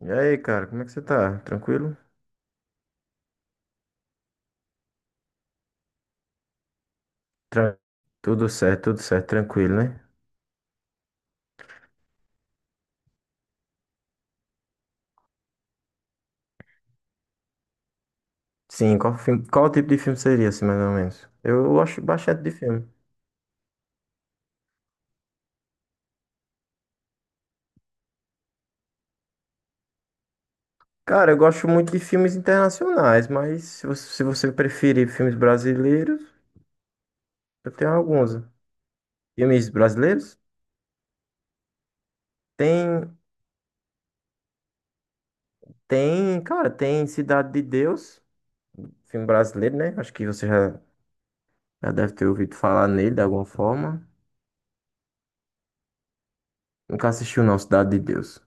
E aí, cara, como é que você tá? Tranquilo? Tran- tudo certo, tranquilo, né? Sim, qual tipo de filme seria, assim, mais ou menos? Eu gosto bastante de filme. Cara, eu gosto muito de filmes internacionais, mas se você preferir filmes brasileiros, eu tenho alguns. Filmes brasileiros? Tem, tem, cara, tem Cidade de Deus, filme brasileiro, né? Acho que você já deve ter ouvido falar nele de alguma forma. Nunca assistiu, não, Cidade de Deus.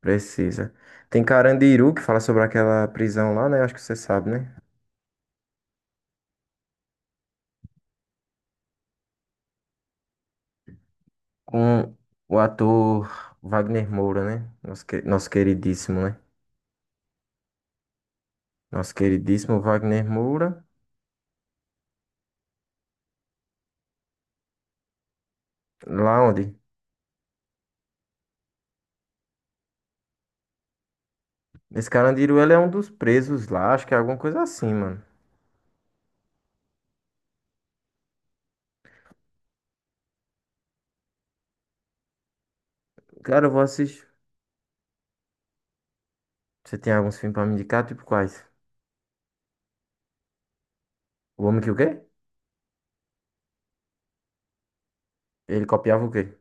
Precisa. Tem Carandiru, que fala sobre aquela prisão lá, né? Acho que você sabe, né? Com o ator Wagner Moura, né? Nosso queridíssimo, né? Nosso queridíssimo Wagner Moura. Lá onde? Esse Carandiru, ele é um dos presos lá. Acho que é alguma coisa assim, mano. Cara, eu vou assistir. Você tem alguns filmes pra me indicar? Tipo quais? O Homem que o quê? Ele copiava o quê?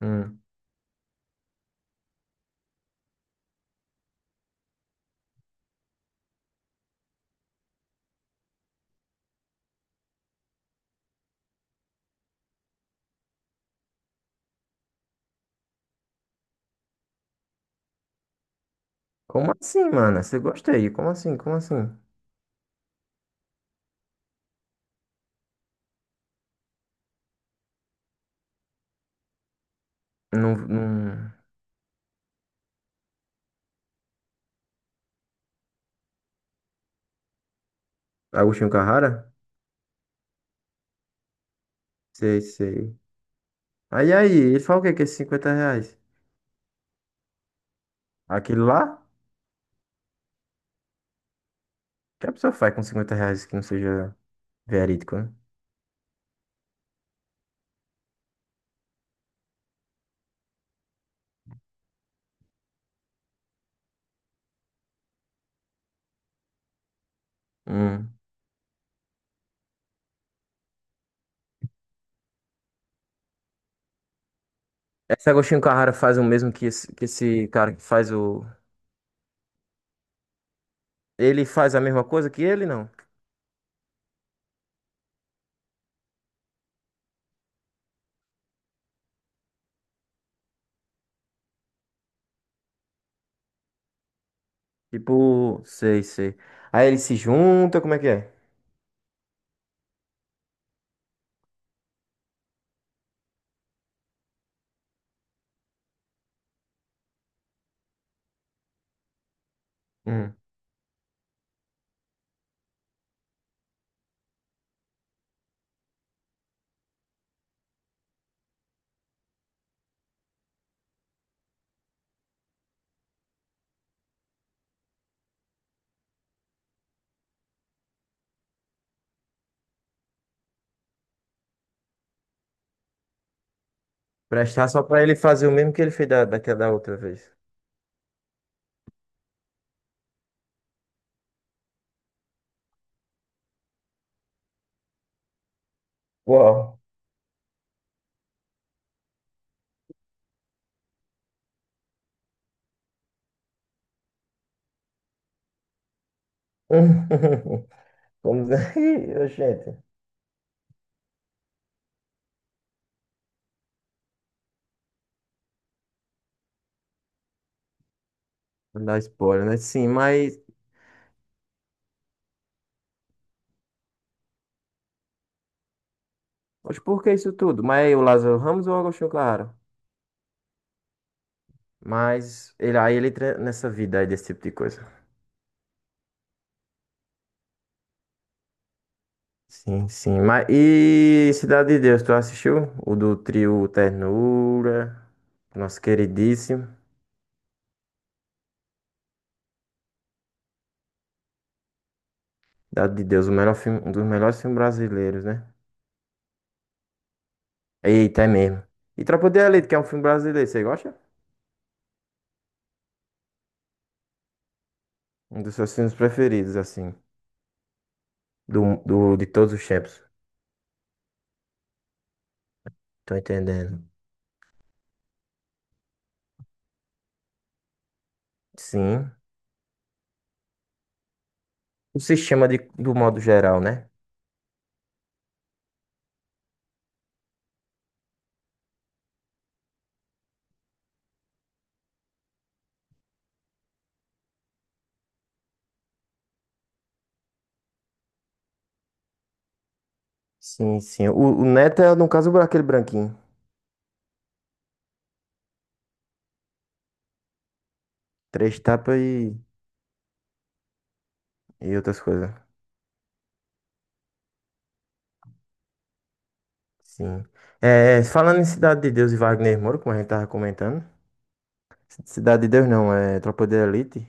Hum. Como assim, mano? Você gosta aí? Como assim? Como assim? Não, não. Agostinho Carrara? Sei, sei. Aí, ele fala o quê? Que é esses 50 reais? Aquilo lá? O que a pessoa faz com 50 reais que não seja verídico, né? Hum. Esse Agostinho Carrara faz o mesmo que esse cara que faz o. Ele faz a mesma coisa que ele, não? Tipo, sei, sei. Aí ele se junta, como é que é? Hum. Prestar só pra ele fazer o mesmo que ele fez daquela da outra vez. Uau. Vamos aí, gente. Não dá spoiler, né? Sim, mas. Mas por que isso tudo? Mas é o Lázaro Ramos ou o Agostinho Carrara? Aí ele entra nessa vida aí desse tipo de coisa. Sim, sim. Mas e Cidade de Deus, tu assistiu? O do trio Ternura, nosso queridíssimo. Cidade de Deus, o melhor filme, um dos melhores filmes brasileiros, né? Eita, é mesmo. E Tropa de Elite, que é um filme brasileiro, você gosta? Um dos seus filmes preferidos, assim, de todos os tempos. Tô entendendo. Sim. O sistema do modo geral, né? Sim, sim. O Neto é, no caso, aquele branquinho. Três tapas. E outras coisas. Sim. É, falando em Cidade de Deus e Wagner Moura, como a gente tava comentando. Cidade de Deus não, é Tropa de Elite.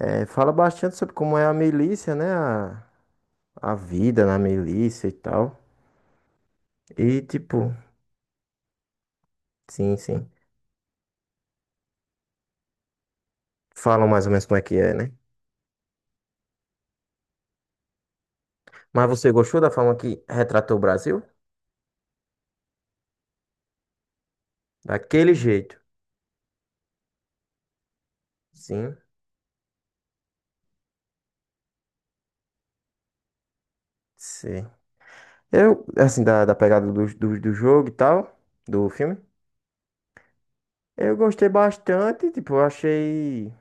É, fala bastante sobre como é a milícia, né? A vida na milícia e tal. E tipo, sim, sim. Falam mais ou menos como é que é, né? Mas você gostou da forma que retratou o Brasil? Daquele jeito. Sim, sim. Eu, assim, da pegada do jogo e tal, do filme. Eu gostei bastante, tipo, eu achei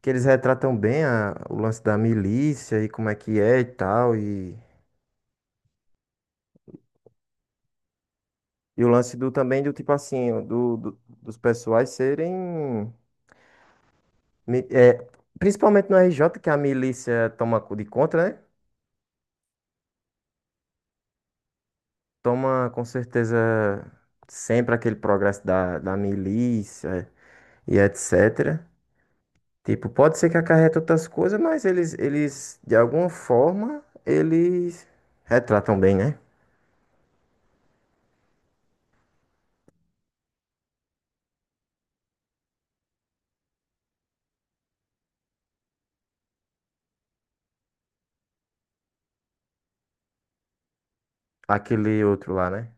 que eles retratam bem o lance da milícia e como é que é e tal. E o lance do também do tipo assim, dos pessoais serem. É, principalmente no RJ, que a milícia toma de conta, né? Toma com certeza sempre aquele progresso da milícia e etc. Tipo, pode ser que acarreta outras coisas, mas eles, de alguma forma, eles retratam bem, né? Aquele outro lá, né?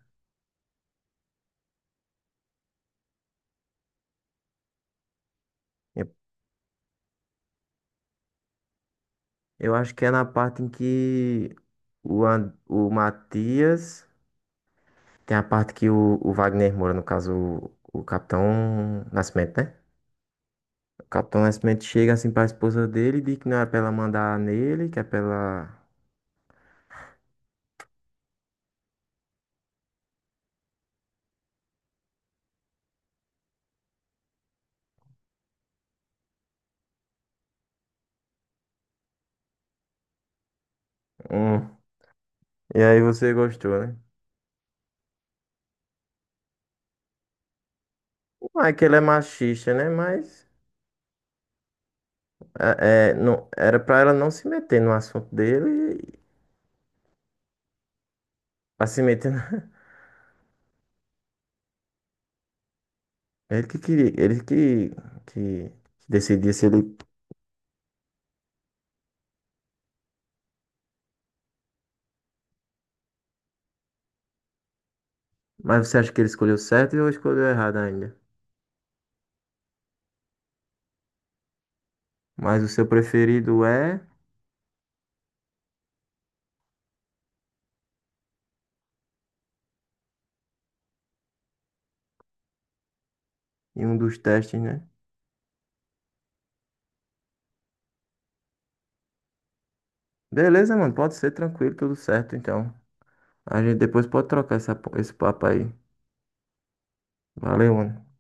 Eu acho que é na parte em que o Matias. Tem a parte que o Wagner Moura, no caso, o Capitão Nascimento, né? O Capitão Nascimento chega assim pra esposa dele e diz que não é pra ela mandar nele, que é pra ela. Hum. E aí você gostou, né? Não é que ele é machista, né? Mas não, era pra ela não se meter no assunto dele, pra se meter. Ele que queria, ele que decidia se ele. Mas você acha que ele escolheu certo ou escolheu errado ainda? Mas o seu preferido é um dos testes, né? Beleza, mano. Pode ser tranquilo, tudo certo, então. A gente depois pode trocar essa, po- esse papo aí. Valeu, mano.